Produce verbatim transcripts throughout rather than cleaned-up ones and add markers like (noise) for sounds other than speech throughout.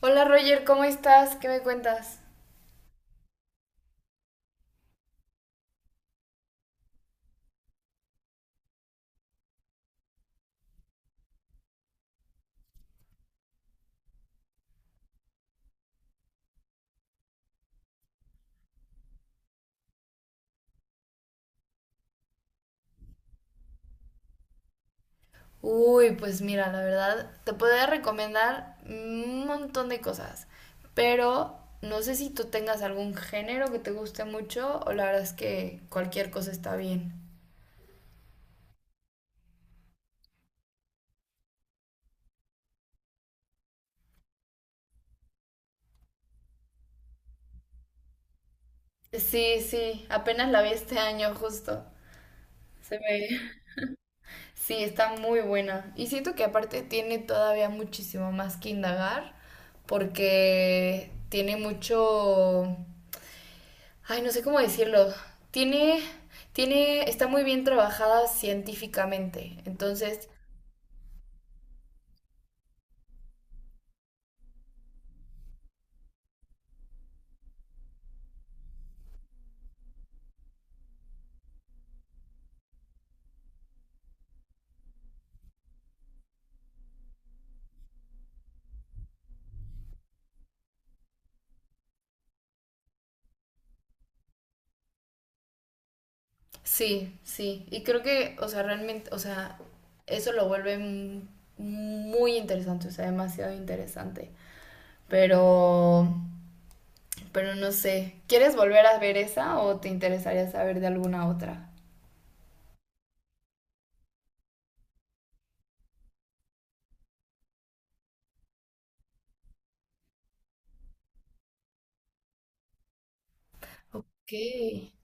Hola Roger, ¿cómo estás? ¿Qué me cuentas? Uy, pues mira, la verdad, te podría recomendar un montón de cosas, pero no sé si tú tengas algún género que te guste mucho o la verdad es que cualquier cosa está bien. Sí, sí, apenas la vi este año justo. Se ve. (laughs) Sí, está muy buena. Y siento que aparte tiene todavía muchísimo más que indagar porque tiene mucho. Ay, no sé cómo decirlo. Tiene, tiene, está muy bien trabajada científicamente. Entonces, sí, sí. Y creo que, o sea, realmente, o sea, eso lo vuelve m- muy interesante, o sea, demasiado interesante. Pero, pero no sé. ¿Quieres volver a ver esa o te interesaría saber de alguna otra? Ok.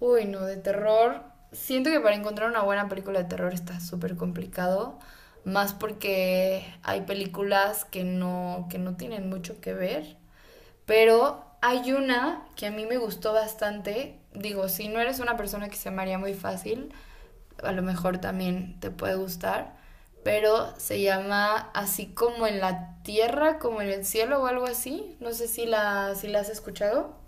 Uy, no, de terror. Siento que para encontrar una buena película de terror está súper complicado, más porque hay películas que no, que no tienen mucho que ver, pero hay una que a mí me gustó bastante. Digo, si no eres una persona que se maría muy fácil, a lo mejor también te puede gustar, pero se llama Así como en la tierra, como en el cielo o algo así. No sé si la, si la has escuchado.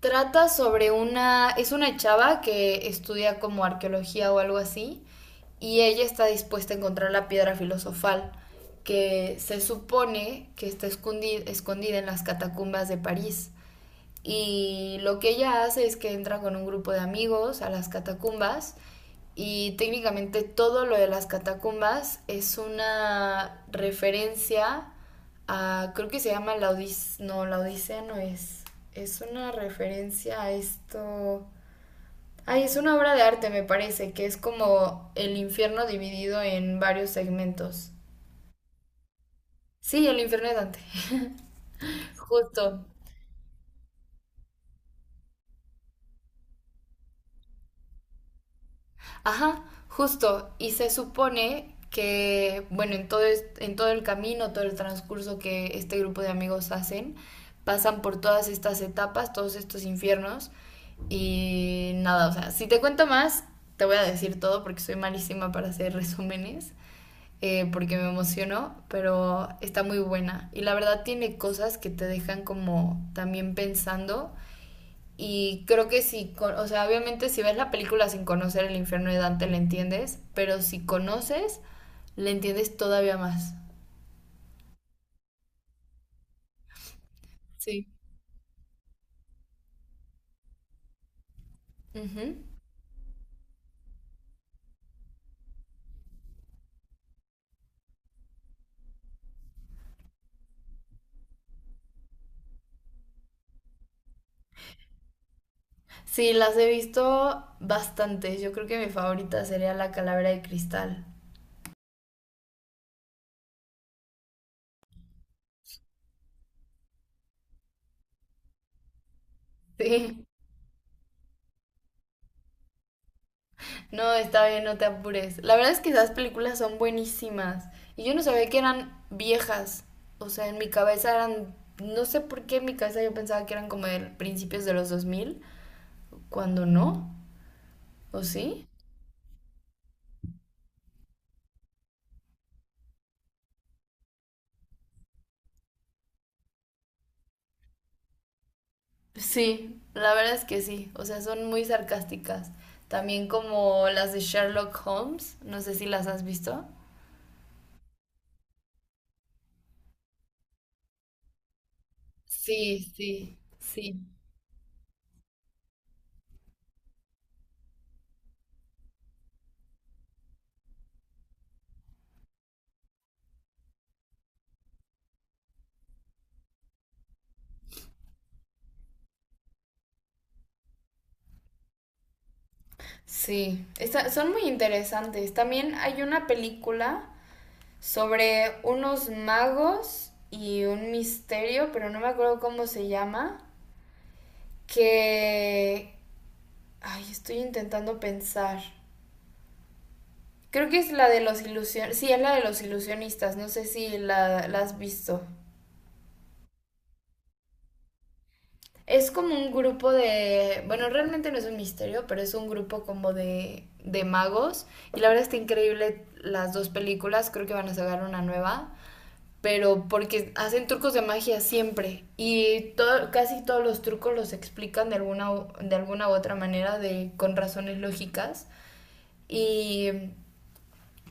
Trata sobre una, es una chava que estudia como arqueología o algo así, y ella está dispuesta a encontrar la piedra filosofal que se supone que está escondida, escondida en las catacumbas de París. Y lo que ella hace es que entra con un grupo de amigos a las catacumbas y técnicamente todo lo de las catacumbas es una referencia a, creo que se llama la Odisea, no, la Odisea no es, es una referencia a esto. Ay, es una obra de arte, me parece, que es como el infierno dividido en varios segmentos. Sí, el infierno de Dante, (laughs) justo. Ajá, justo. Y se supone que, bueno, en todo, es- en todo el camino, todo el transcurso que este grupo de amigos hacen, pasan por todas estas etapas, todos estos infiernos. Y nada, o sea, si te cuento más, te voy a decir todo porque soy malísima para hacer (laughs) resúmenes, eh, porque me emociono, pero está muy buena. Y la verdad tiene cosas que te dejan como también pensando y creo que si, con- o sea, obviamente si ves la película sin conocer el infierno de Dante, le entiendes, pero si conoces, le entiendes todavía más. Sí. Ujú. Sí, las he visto bastantes. Yo creo que mi favorita sería La Calavera de Cristal. Sí. (laughs) No, está bien, no te apures. La verdad es que esas películas son buenísimas. Y yo no sabía que eran viejas. O sea, en mi cabeza eran... No sé por qué en mi cabeza yo pensaba que eran como de principios de los dos mil cuando no, ¿o sí? Sí, la verdad es que sí, o sea, son muy sarcásticas. También como las de Sherlock Holmes, no sé si las has visto. Sí, sí, sí, sí. Esta- son muy interesantes. También hay una película sobre unos magos y un misterio, pero no me acuerdo cómo se llama, que... Ay, estoy intentando pensar. Creo que es la de los ilusionistas. Sí, es la de los ilusionistas. No sé si la, la has visto. Es como un grupo de, bueno, realmente no es un misterio, pero es un grupo como de, de magos. Y la verdad está increíble las dos películas, creo que van a sacar una nueva, pero porque hacen trucos de magia siempre. Y todo, casi todos los trucos los explican de alguna, de alguna u otra manera, de, con razones lógicas. Y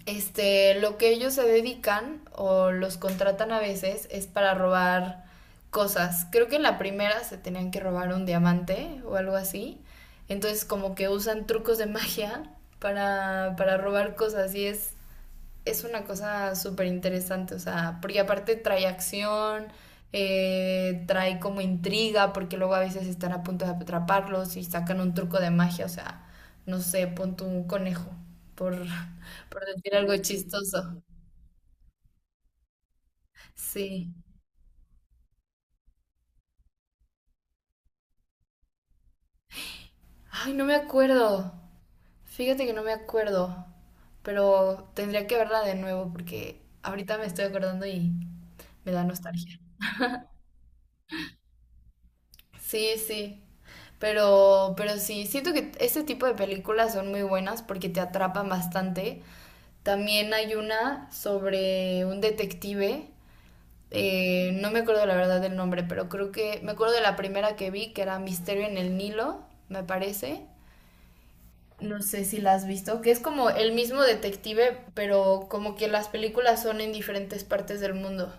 este, lo que ellos se dedican o los contratan a veces es para robar cosas. Creo que en la primera se tenían que robar un diamante o algo así. Entonces como que usan trucos de (laughs) magia para, para robar cosas y es es una cosa súper interesante, o sea, porque aparte trae acción, eh, trae como intriga, porque luego a veces están a punto de atraparlos y sacan un truco de magia, o sea, no sé, pon tu un conejo, por, (laughs) por decir algo chistoso. Sí. Ay, no me acuerdo. Fíjate que no me acuerdo, pero tendría que verla de nuevo porque ahorita me estoy acordando y me da nostalgia. Sí, sí. Pero, pero sí, siento que este tipo de películas son muy buenas porque te atrapan bastante. También hay una sobre un detective, eh, no me acuerdo la verdad del nombre, pero creo que me acuerdo de la primera que vi, que era Misterio en el Nilo, me parece. No sé si la has visto, que es como el mismo detective, pero como que las películas son en diferentes partes del mundo.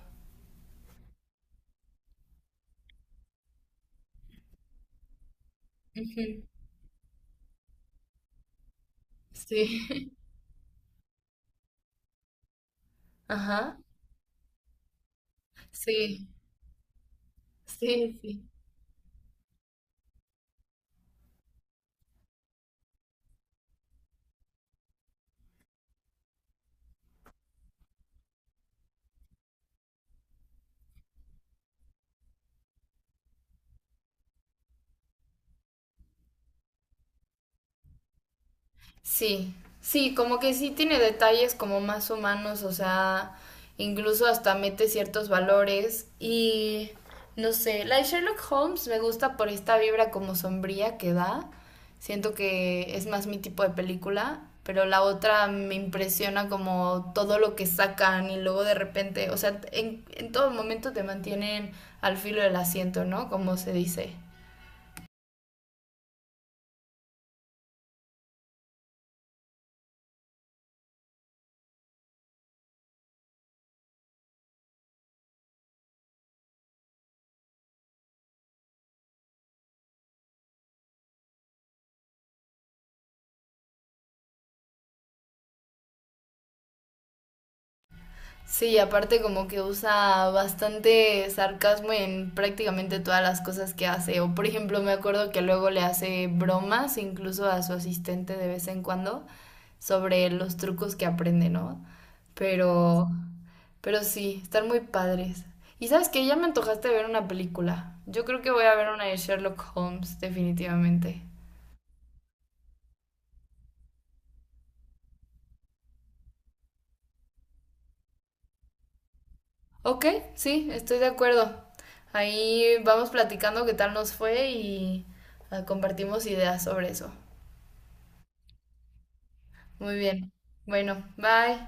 Ujú. Sí. (laughs) Ajá. Sí, sí, sí. Sí, sí, como que sí tiene detalles como más humanos, o sea, incluso hasta mete ciertos valores y no sé, la de Sherlock Holmes me gusta por esta vibra como sombría que da, siento que es más mi tipo de película, pero la otra me impresiona como todo lo que sacan y luego de repente, o sea, en, en todo momento te mantienen al filo del asiento, ¿no? Como se dice. Sí, aparte como que usa bastante sarcasmo en prácticamente todas las cosas que hace. O por ejemplo, me acuerdo que luego le hace bromas incluso a su asistente de vez en cuando sobre los trucos que aprende, ¿no? Pero, pero sí, están muy padres. Y sabes que ya me antojaste ver una película. Yo creo que voy a ver una de Sherlock Holmes, definitivamente. Ok, sí, estoy de acuerdo. Ahí vamos platicando qué tal nos fue y ah, compartimos ideas sobre eso. Muy bien. Bueno, bye.